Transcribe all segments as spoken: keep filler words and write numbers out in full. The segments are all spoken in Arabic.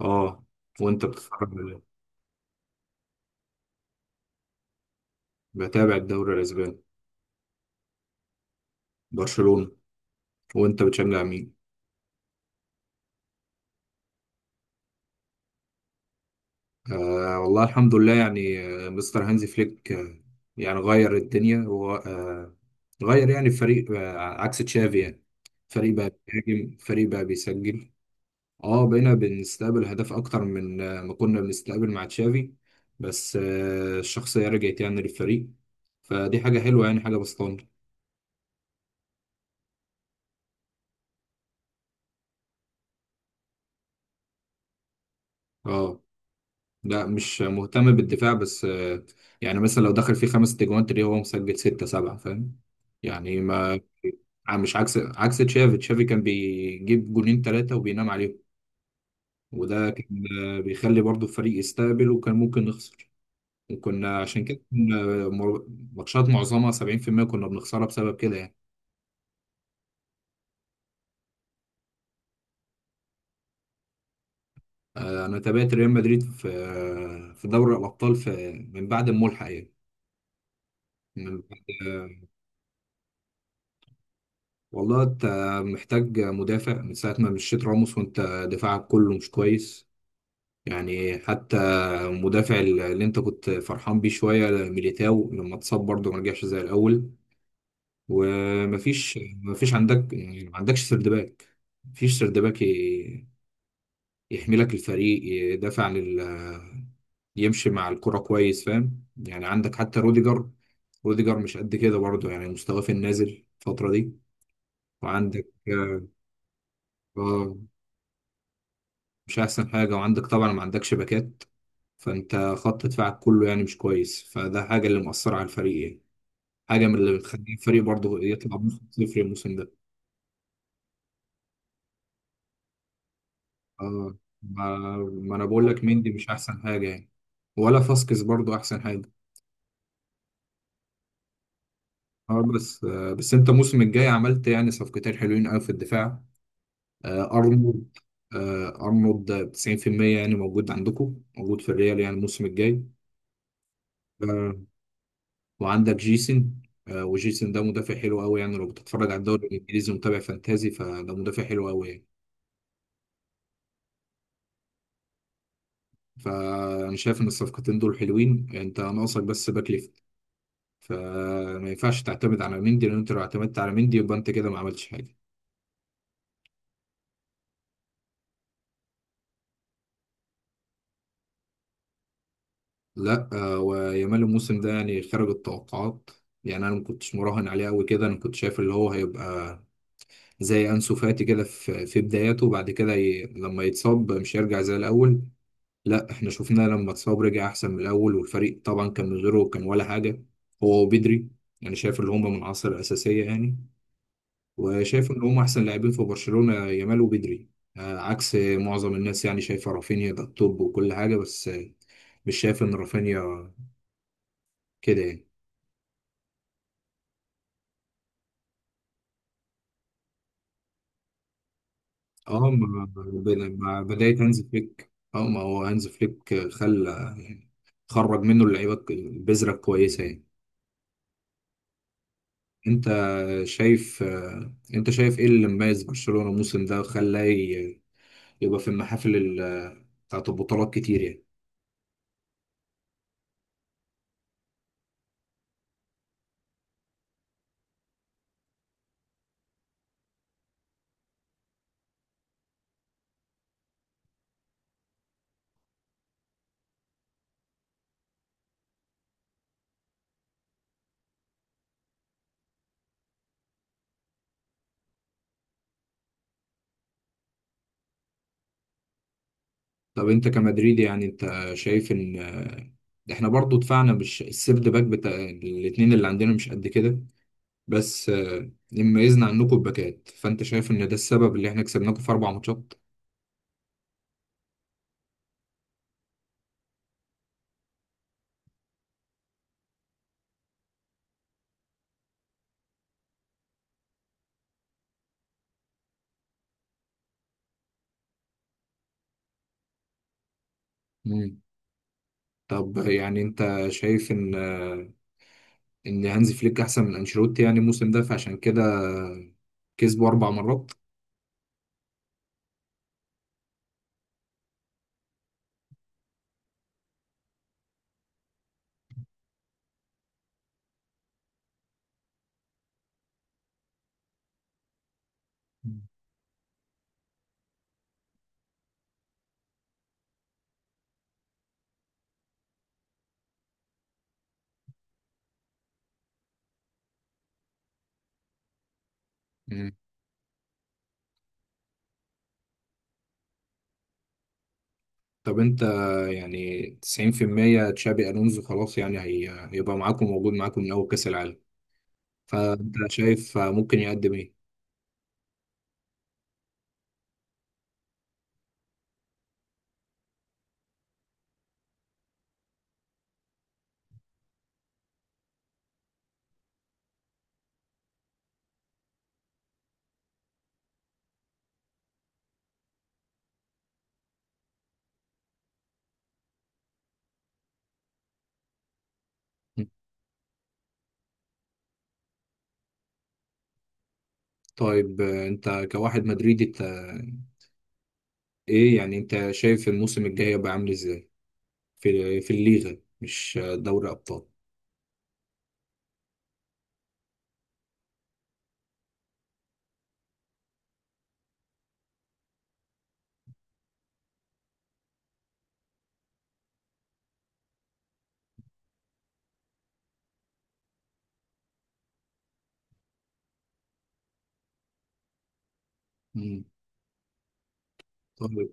اه وانت بتتفرج على إيه؟ بتابع الدوري الاسباني. برشلونة. وانت بتشجع مين؟ آه، والله الحمد لله، يعني آه، مستر هانزي فليك آه يعني غير الدنيا، هو آه غير يعني الفريق آه عكس تشافي، يعني فريق بقى بيهاجم، فريق بقى بيسجل. اه بقينا بنستقبل هدف اكتر من آه ما كنا بنستقبل مع تشافي، بس آه الشخصية رجعت يعني للفريق. فدي حاجة حلوة، يعني حاجة بسطانة. اه، لا، مش مهتم بالدفاع، بس آه، يعني مثلا لو دخل فيه خمس تجوان تلاقيه هو مسجل ستة سبعة، فاهم يعني؟ ما مش عكس عكس تشافي تشافي كان بيجيب جونين ثلاثة وبينام عليهم، وده كان آه، بيخلي برضه الفريق يستقبل، وكان ممكن نخسر. وكنا عشان كده كنا مر- ماتشات معظمها سبعين بالمية كنا بنخسرها بسبب كده، يعني. آه، انا تابعت ريال مدريد في آه، في دوري الابطال، في من بعد الملحق، يعني من بعد. والله انت محتاج مدافع من ساعة ما مشيت راموس، وانت دفاعك كله مش كويس، يعني حتى المدافع اللي انت كنت فرحان بيه شوية، ميليتاو، لما اتصاب برضه ما رجعش زي الأول. ومفيش مفيش عندك، يعني ما عندكش سرد باك. مفيش سرد باك ي- يحملك الفريق، يدافع عن ال- يمشي مع الكرة كويس، فاهم يعني؟ عندك حتى روديجر، روديجر مش قد كده برضه، يعني مستواه في النازل الفترة دي. وعندك، اه، مش احسن حاجه. وعندك طبعا ما عندكش باكات، فانت خط دفاعك كله يعني مش كويس، فده حاجه اللي مؤثره على الفريق، يعني حاجه من اللي بتخلي الفريق برضه يطلع بنص صفر الموسم ده. اه ما, ما انا بقول لك، مندي مش احسن حاجه يعني، ولا فاسكس برضه احسن حاجه. اه، بس آه بس انت الموسم الجاي عملت يعني صفقتين حلوين قوي في الدفاع. آه ارنولد آه، ارنولد تسعين بالمية يعني موجود عندكم، موجود في الريال يعني الموسم الجاي. آه، وعندك جيسن. آه، وجيسن ده مدافع حلو قوي، يعني لو بتتفرج على الدوري الانجليزي ومتابع فانتازي، فده مدافع حلو قوي يعني. فانا شايف ان الصفقتين دول حلوين، انت ناقصك بس باك ليفت، فما ينفعش تعتمد على مندي، لان انت لو اعتمدت على مندي يبقى انت كده ما عملتش حاجه. لا آه، ويامال الموسم ده يعني خارج التوقعات. يعني انا ما كنتش مراهن عليه قوي كده، انا كنت شايف اللي هو هيبقى زي انسو فاتي كده، في في بداياته، وبعد كده ي... لما يتصاب مش هيرجع زي الاول. لا، احنا شفنا لما اتصاب رجع احسن من الاول، والفريق طبعا كان من غيره كان ولا حاجه، هو وبدري. يعني شايف اللي هم من العناصر الاساسيه، يعني وشايف ان هم احسن لاعبين في برشلونه، يامال وبدري. آه، عكس معظم الناس، يعني شايفه رافينيا ده التوب وكل حاجه، بس آه، مش شايف ان رافينيا كده يعني. اه مع مع بدايه هانز فليك، اه، ما هو هانز فليك خلى يعني، خرج منه اللعيبه البذره الكويسه يعني. انت شايف آه، انت شايف ايه اللي مميز برشلونة الموسم ده، وخلاه ي- يبقى في المحافل ال- بتاعت البطولات كتير يعني؟ طب انت كمدريدي، يعني انت شايف ان آه، احنا برضو دفعنا، مش السيرد باك بتاع الاتنين اللي عندنا مش قد كده، بس آه، اللي مميزنا عنكم الباكات. فانت شايف ان ده السبب اللي احنا كسبناكم في اربع ماتشات؟ مم. طب يعني انت شايف ان آه، ان هانزي فليك احسن من انشيلوتي يعني الموسم ده، فعشان كده كسبوا اربع مرات؟ مم. طب انت، يعني تسعين بالمية تشابي الونزو خلاص يعني هي... هيبقى معاكم، موجود معاكم من اول كاس العالم، فانت شايف ممكن يقدم ايه؟ مم. طيب انت كواحد مدريدي، انت ايه يعني، انت شايف الموسم الجاي هيبقى عامل ازاي في في الليغا، مش دوري ابطال؟ مم. طيب،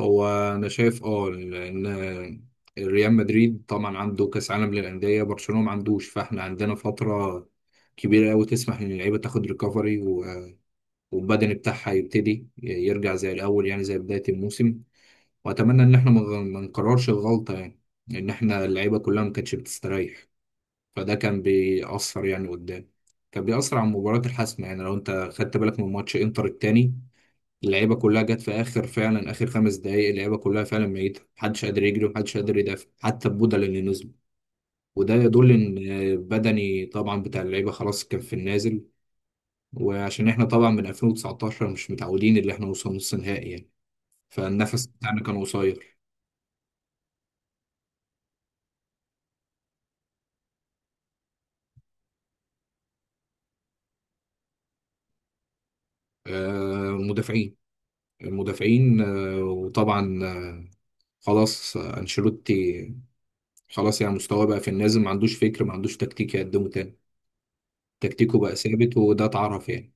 هو انا شايف اه ان ريال مدريد طبعا عنده كاس عالم للانديه، برشلونه ما عندوش، فاحنا عندنا فتره كبيره قوي تسمح ان اللعيبه تاخد ريكفري، والبدني بتاعها يبتدي يرجع زي الاول، يعني زي بدايه الموسم. واتمنى ان احنا ما نغ- ما نكررش الغلطه، يعني ان احنا اللعيبه كلها ما كانتش بتستريح، فده كان بيأثر يعني قدام، كان بيأثر على المباراة الحاسمة. يعني لو انت خدت بالك من ماتش انتر التاني، اللعيبه كلها جت في اخر، فعلا اخر خمس دقائق، اللعيبه كلها فعلا ميته، محدش قادر يجري ومحدش قادر يدافع، حتى البدل اللي نزلوا. وده يدل ان بدني طبعا بتاع اللعيبه خلاص كان في النازل، وعشان احنا طبعا من ألفين وتسعة عشر مش متعودين اللي احنا نوصل نص نهائي يعني، فالنفس بتاعنا كان قصير. آه، مدافعين، المدافعين آه، وطبعا آه، خلاص آه، انشيلوتي خلاص يعني، مستواه بقى في النازل، ما عندوش فكر، ما عندوش تكتيك يقدمه تاني، تكتيكه بقى ثابت، وده اتعرف يعني.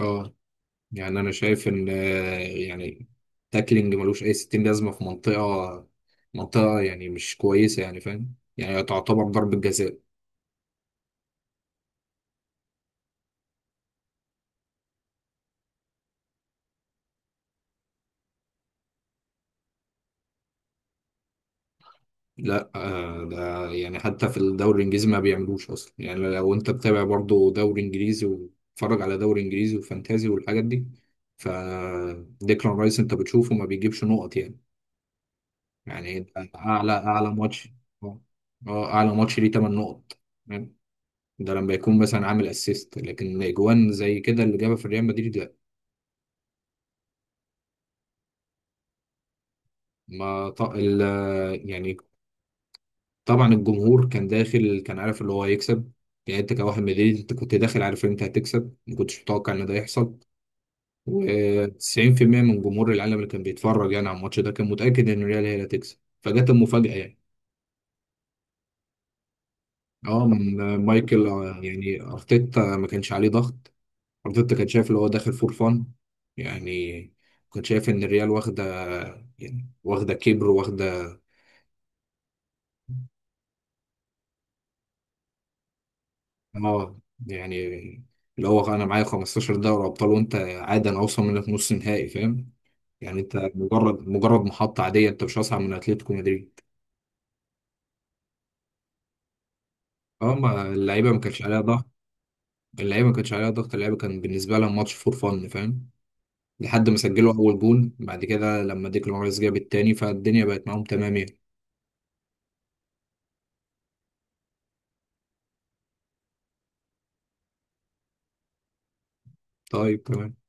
اه، يعني انا شايف ان آه، يعني تاكلينج ملوش اي ستين، لازمه في منطقه، منطقه يعني مش كويسه، يعني فاهم يعني، تعتبر ضربه جزاء. لا آه، ده يعني حتى في الدوري الانجليزي ما بيعملوش اصلا، يعني لو انت بتابع برضو دوري انجليزي وتتفرج على دوري انجليزي وفانتازي والحاجات دي، ف ديكلان رايس انت بتشوفه ما بيجيبش نقط يعني. يعني ده اعلى اعلى ماتش. اه. آه، اعلى ماتش ليه 8 نقط، ده لما يكون مثلا عامل اسيست، لكن اجوان زي كده اللي جابها في ريال مدريد، لا. ما ط... ال... يعني طبعا الجمهور كان داخل كان عارف اللي هو هيكسب، يعني انت كواحد مدريد انت كنت داخل عارف ان انت هتكسب، ما كنتش متوقع ان ده يحصل، و90% من جمهور العالم اللي كان بيتفرج يعني على الماتش ده كان متاكد ان الريال هي اللي هتكسب، فجت المفاجاه يعني. اه من مايكل آه، يعني ارتيتا ما كانش عليه ضغط، ارتيتا كان شايف اللي هو داخل فور فان، يعني كنت شايف ان الريال واخده، يعني واخده كبر واخده. اه، يعني اللي هو انا معايا 15 دوري ابطال، وانت عادي انا اوصل منك نص نهائي، فاهم يعني؟ انت مجرد، مجرد محطه عاديه، انت مش اصعب من اتلتيكو مدريد. اه، ما اللعيبه ما كانش عليها ضغط، اللعيبه ما كانش عليها ضغط، اللعيبه كان بالنسبه لها ماتش فور فن، فاهم؟ لحد ما سجلوا اول جون، بعد كده لما ديكلان رايس جاب التاني، فالدنيا بقت معاهم تمام يعني. طيب، تمام.